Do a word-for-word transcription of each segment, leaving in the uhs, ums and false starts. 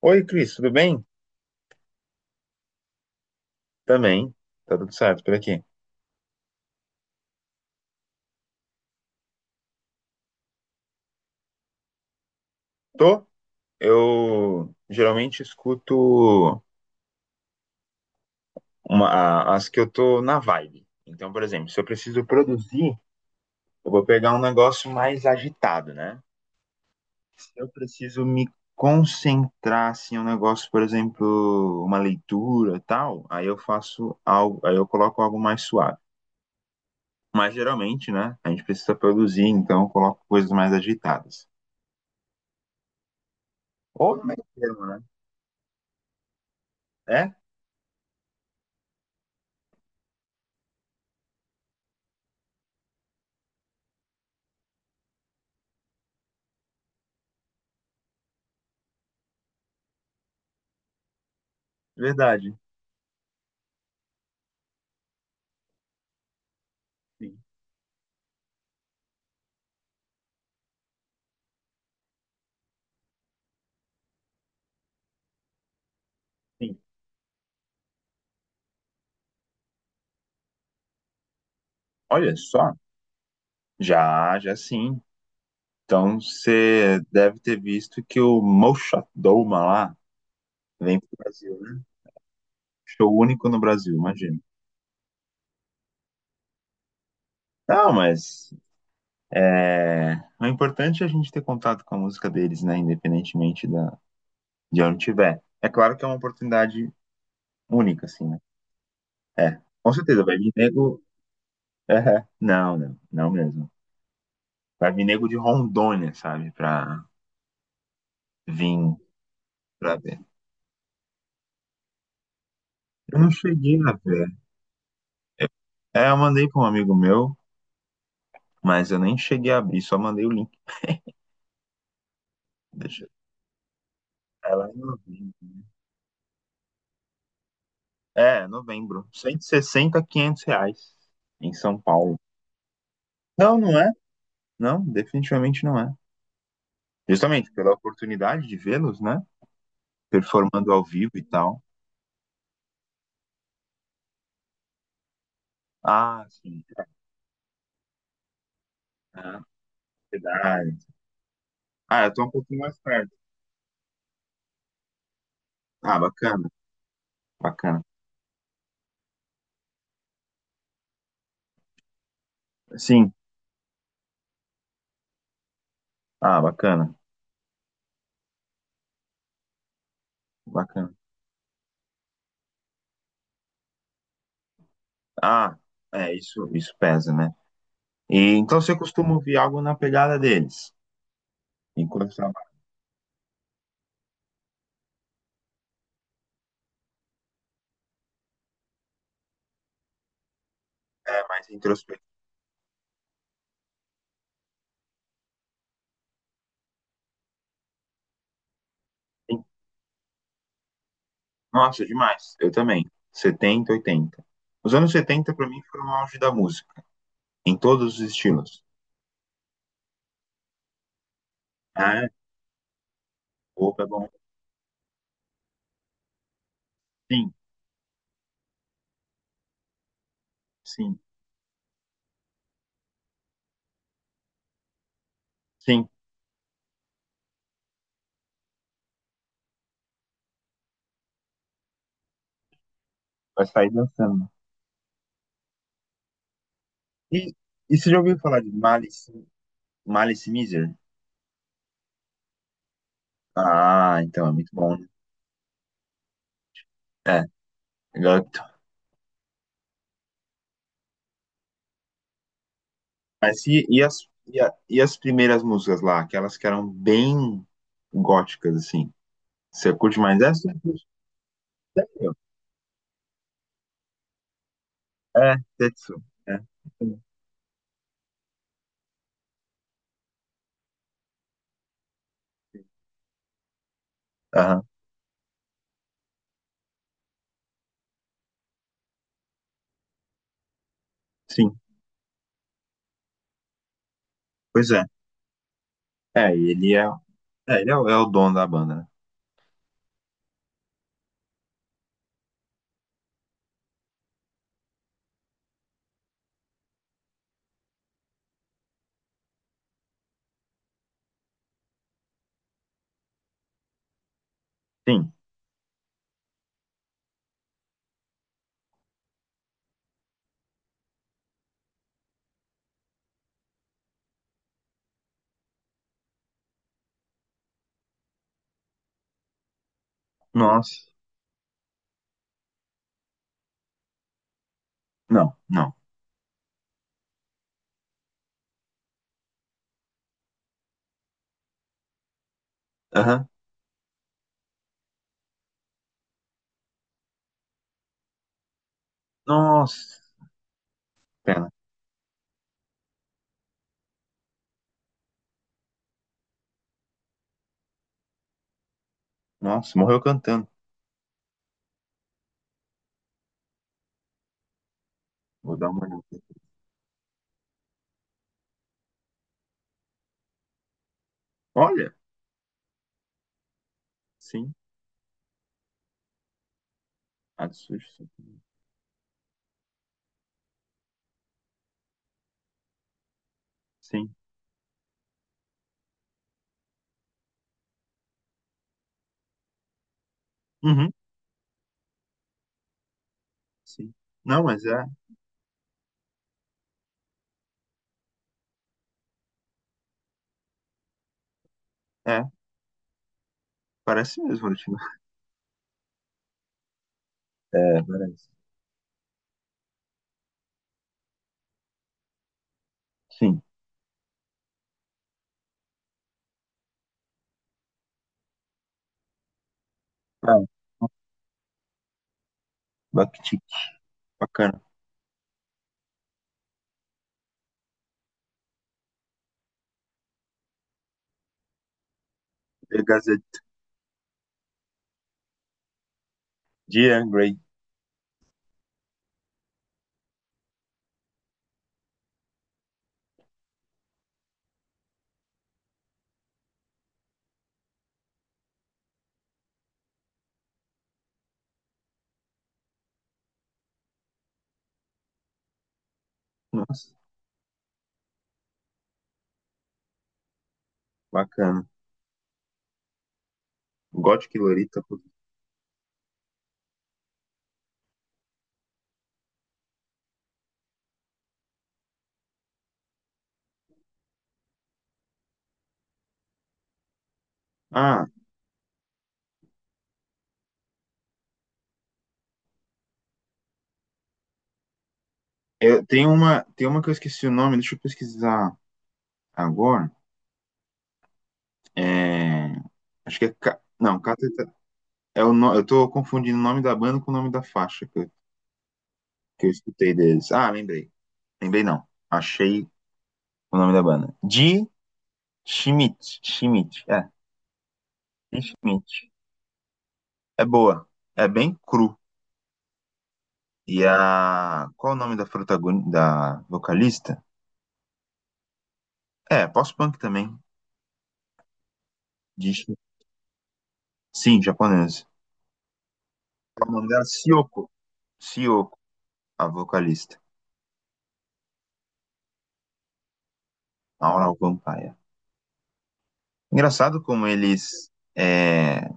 Oi, Cris, tudo bem? Também, tá tudo certo por aqui. Tô, eu geralmente escuto uma- a- as que eu tô na vibe. Então, por exemplo, se eu preciso produzir, eu vou pegar um negócio mais agitado, né? Se eu preciso me concentrar, assim, um negócio, por exemplo, uma leitura, tal, aí eu faço algo, aí eu coloco algo mais suave. Mas geralmente, né, a gente precisa produzir, então eu coloco coisas mais agitadas. Ou no meio termo, né? É, verdade. Sim. Olha só, já, já sim. Então você deve ter visto que o Moshat Doma lá vem pro Brasil, né? Show único no Brasil, imagina. Não, mas é, o importante é a gente ter contato com a música deles, né? Independentemente da, de onde tiver. É claro que é uma oportunidade única, assim, né? É, com certeza vai vir nego. É, não, não, não mesmo. Vai vir nego de Rondônia, sabe? Pra vir pra ver. Eu não cheguei a ver. É, eu mandei para um amigo meu, mas eu nem cheguei a abrir, só mandei o link. Deixa eu... É lá em novembro. É, novembro. Cento e sessenta a quinhentos reais em São Paulo. Não, não é. Não, definitivamente não é. Justamente pela oportunidade de vê-los, né? Performando ao vivo e tal. Ah, sim. Ah, verdade. Ah, eu tô um pouquinho mais perto. Ah, bacana, bacana. Sim. Ah, bacana, bacana. Ah, é, isso, isso pesa, né? E então você costuma ouvir algo na pegada deles. Enquanto trabalha, é mais introspectivo. Nossa, demais. Eu também. Setenta, oitenta. Os anos setenta para mim foram o auge da música, em todos os estilos. Ah, opa, é bom. Sim, sim, sim. Vai sair dançando. E, e você já ouviu falar de Malice, Malice Miser? Ah, então é muito bom, né? É, agora eu tô- Mas e, e as, e, a- e as primeiras músicas lá, aquelas que eram bem góticas, assim? Você curte mais essa? Sério? É, Tetsu. É. Aham. Sim, pois é. É, e ele é, é, ele é, o é o dono da banda, né? Sim. Nossa. Não, não. Aham. Nossa. Pena. Nossa, morreu cantando. Vou dar uma olhada aqui. Olha, sim. Atsushi. Sim. Uhum, sim. Não, mas é, é. Parece mesmo, Orixima. É, parece. Sim. É. Bakhtik. Bacana. Pegasia. Dear Grey. Nossa, bacana. Gothic Lolita, pô. Ah, eu, tem uma, tem uma que eu esqueci o nome, deixa eu pesquisar agora. É, acho que é. Ca- Não, Cateta. É o no... Eu tô confundindo o nome da banda com o nome da faixa que eu, que eu escutei deles. Ah, lembrei. Lembrei não. Achei o nome da banda. De Schmidt. Schmidt. É, de Schmidt. É boa. É bem cru. E a. Qual é o nome da protagonista, da vocalista? É, pós-punk também. De... Schmidt. Sim, japonesa. O nome dela é Sioko. Sioko, a vocalista. Aural Vampire. Engraçado como eles. é,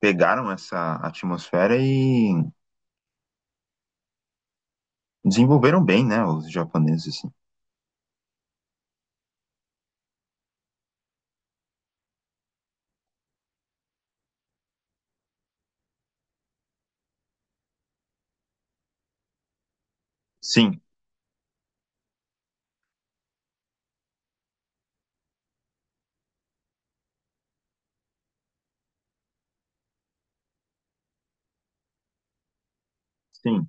pegaram essa atmosfera e desenvolveram bem, né, os japoneses, assim. Sim, sim,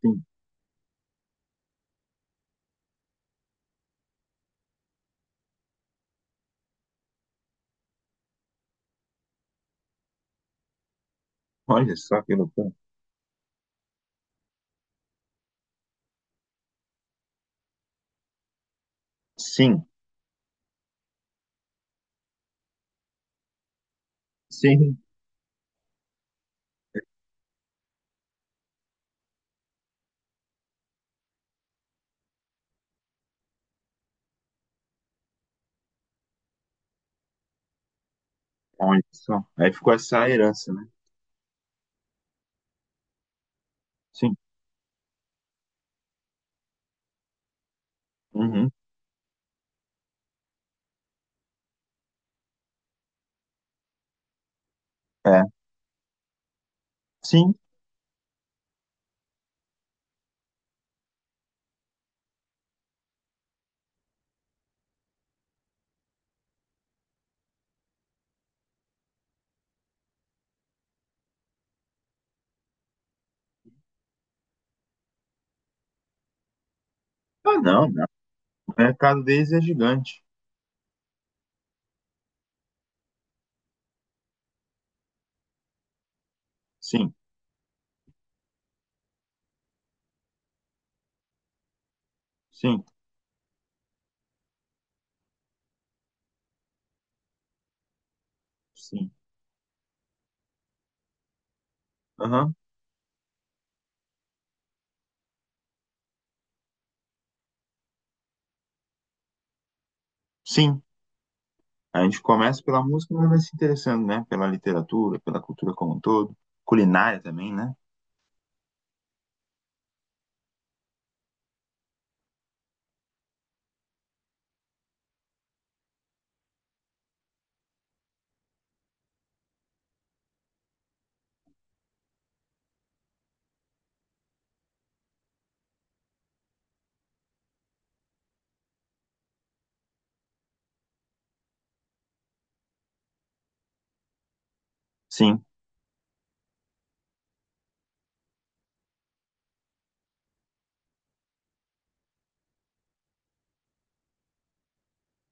sim. Olha só que loucura. Sim, sim. Olha só. Aí ficou essa herança, né? Sim. Uhum. É. Sim. Ah, não, não. O mercado deles é gigante. Sim, sim, sim. Aham. Sim. A gente começa pela música, mas vai se interessando, né? Pela literatura, pela cultura como um todo. Culinária também, né? Sim.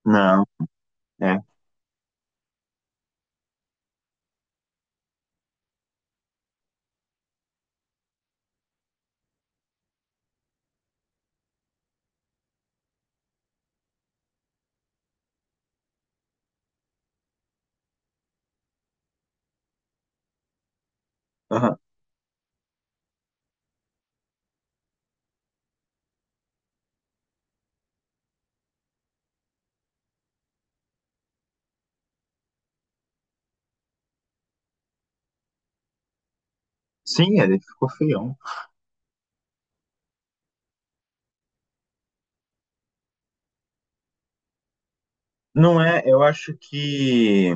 Não. É. Aham. Sim, ele ficou feião. Não é, eu acho que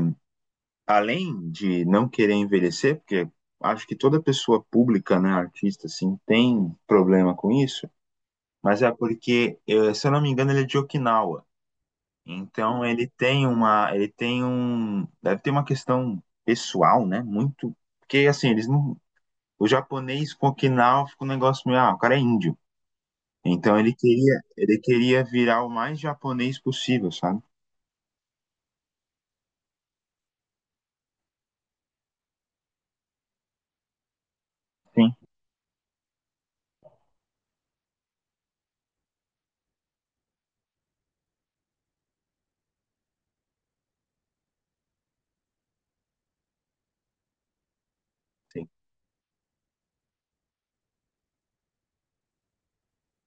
além de não querer envelhecer, porque acho que toda pessoa pública, né, artista assim, tem problema com isso, mas é porque, eh, se eu não me engano, ele é de Okinawa. Então ele tem uma, ele tem um, deve ter uma questão pessoal, né, muito, porque assim, eles não, o japonês com Okinawa fica um negócio meio, ah, o cara é índio. Então ele queria, ele queria virar o mais japonês possível, sabe? Sim, sim,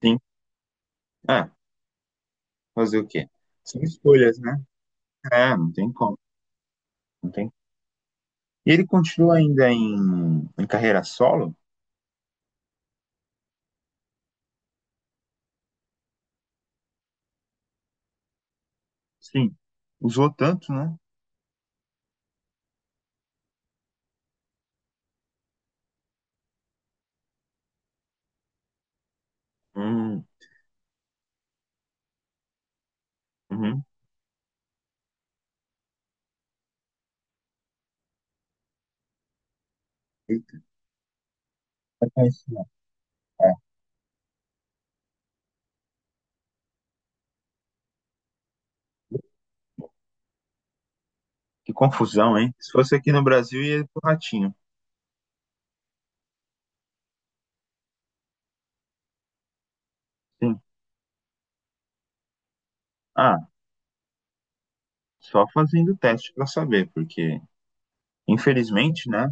sim. É, Fazer o quê? São escolhas, né? É, não tem como, não tem. E ele continua ainda em, em carreira solo? Sim. Usou tanto, né? Hum, uhum. Eita, vai conhecer, né? É, que confusão, hein? Se fosse aqui no Brasil, ia pro Ratinho. Sim. Ah, só fazendo teste para saber, porque infelizmente, né?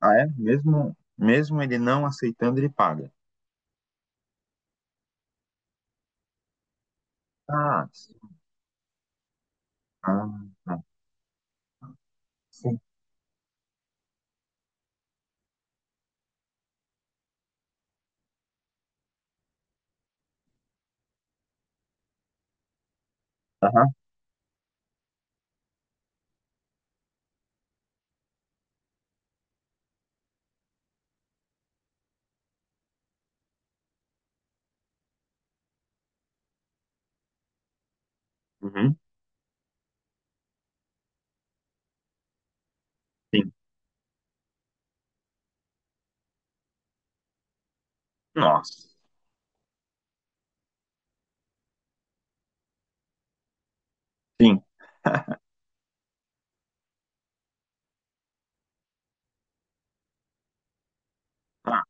Ah, é? Mesmo, mesmo ele não aceitando, ele paga. Ah, sim. Ah, ah, sim. Aham. Uhum. Sim. Nossa. Sim. Ah,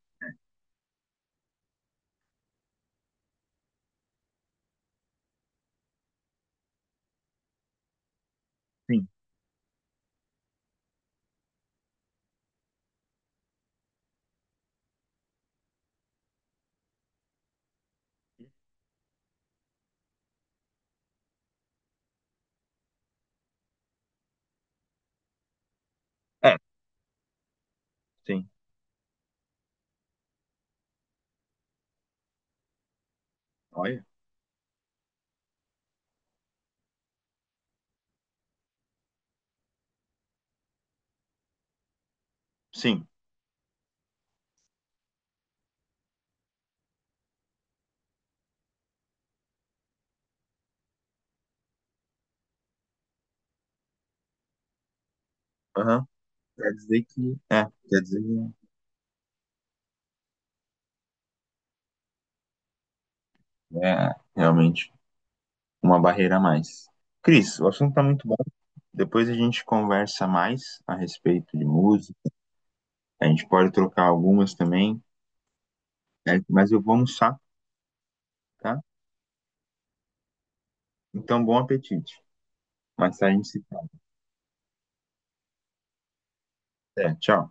sim. É, sim. Olha, sim. Aham. Quer dizer que. É, quer dizer que é realmente uma barreira a mais. Cris, o assunto tá muito bom. Depois a gente conversa mais a respeito de música. A gente pode trocar algumas também, né? Mas eu vou almoçar, tá? Então, bom apetite. Mais tarde a gente se fala. Até, tchau.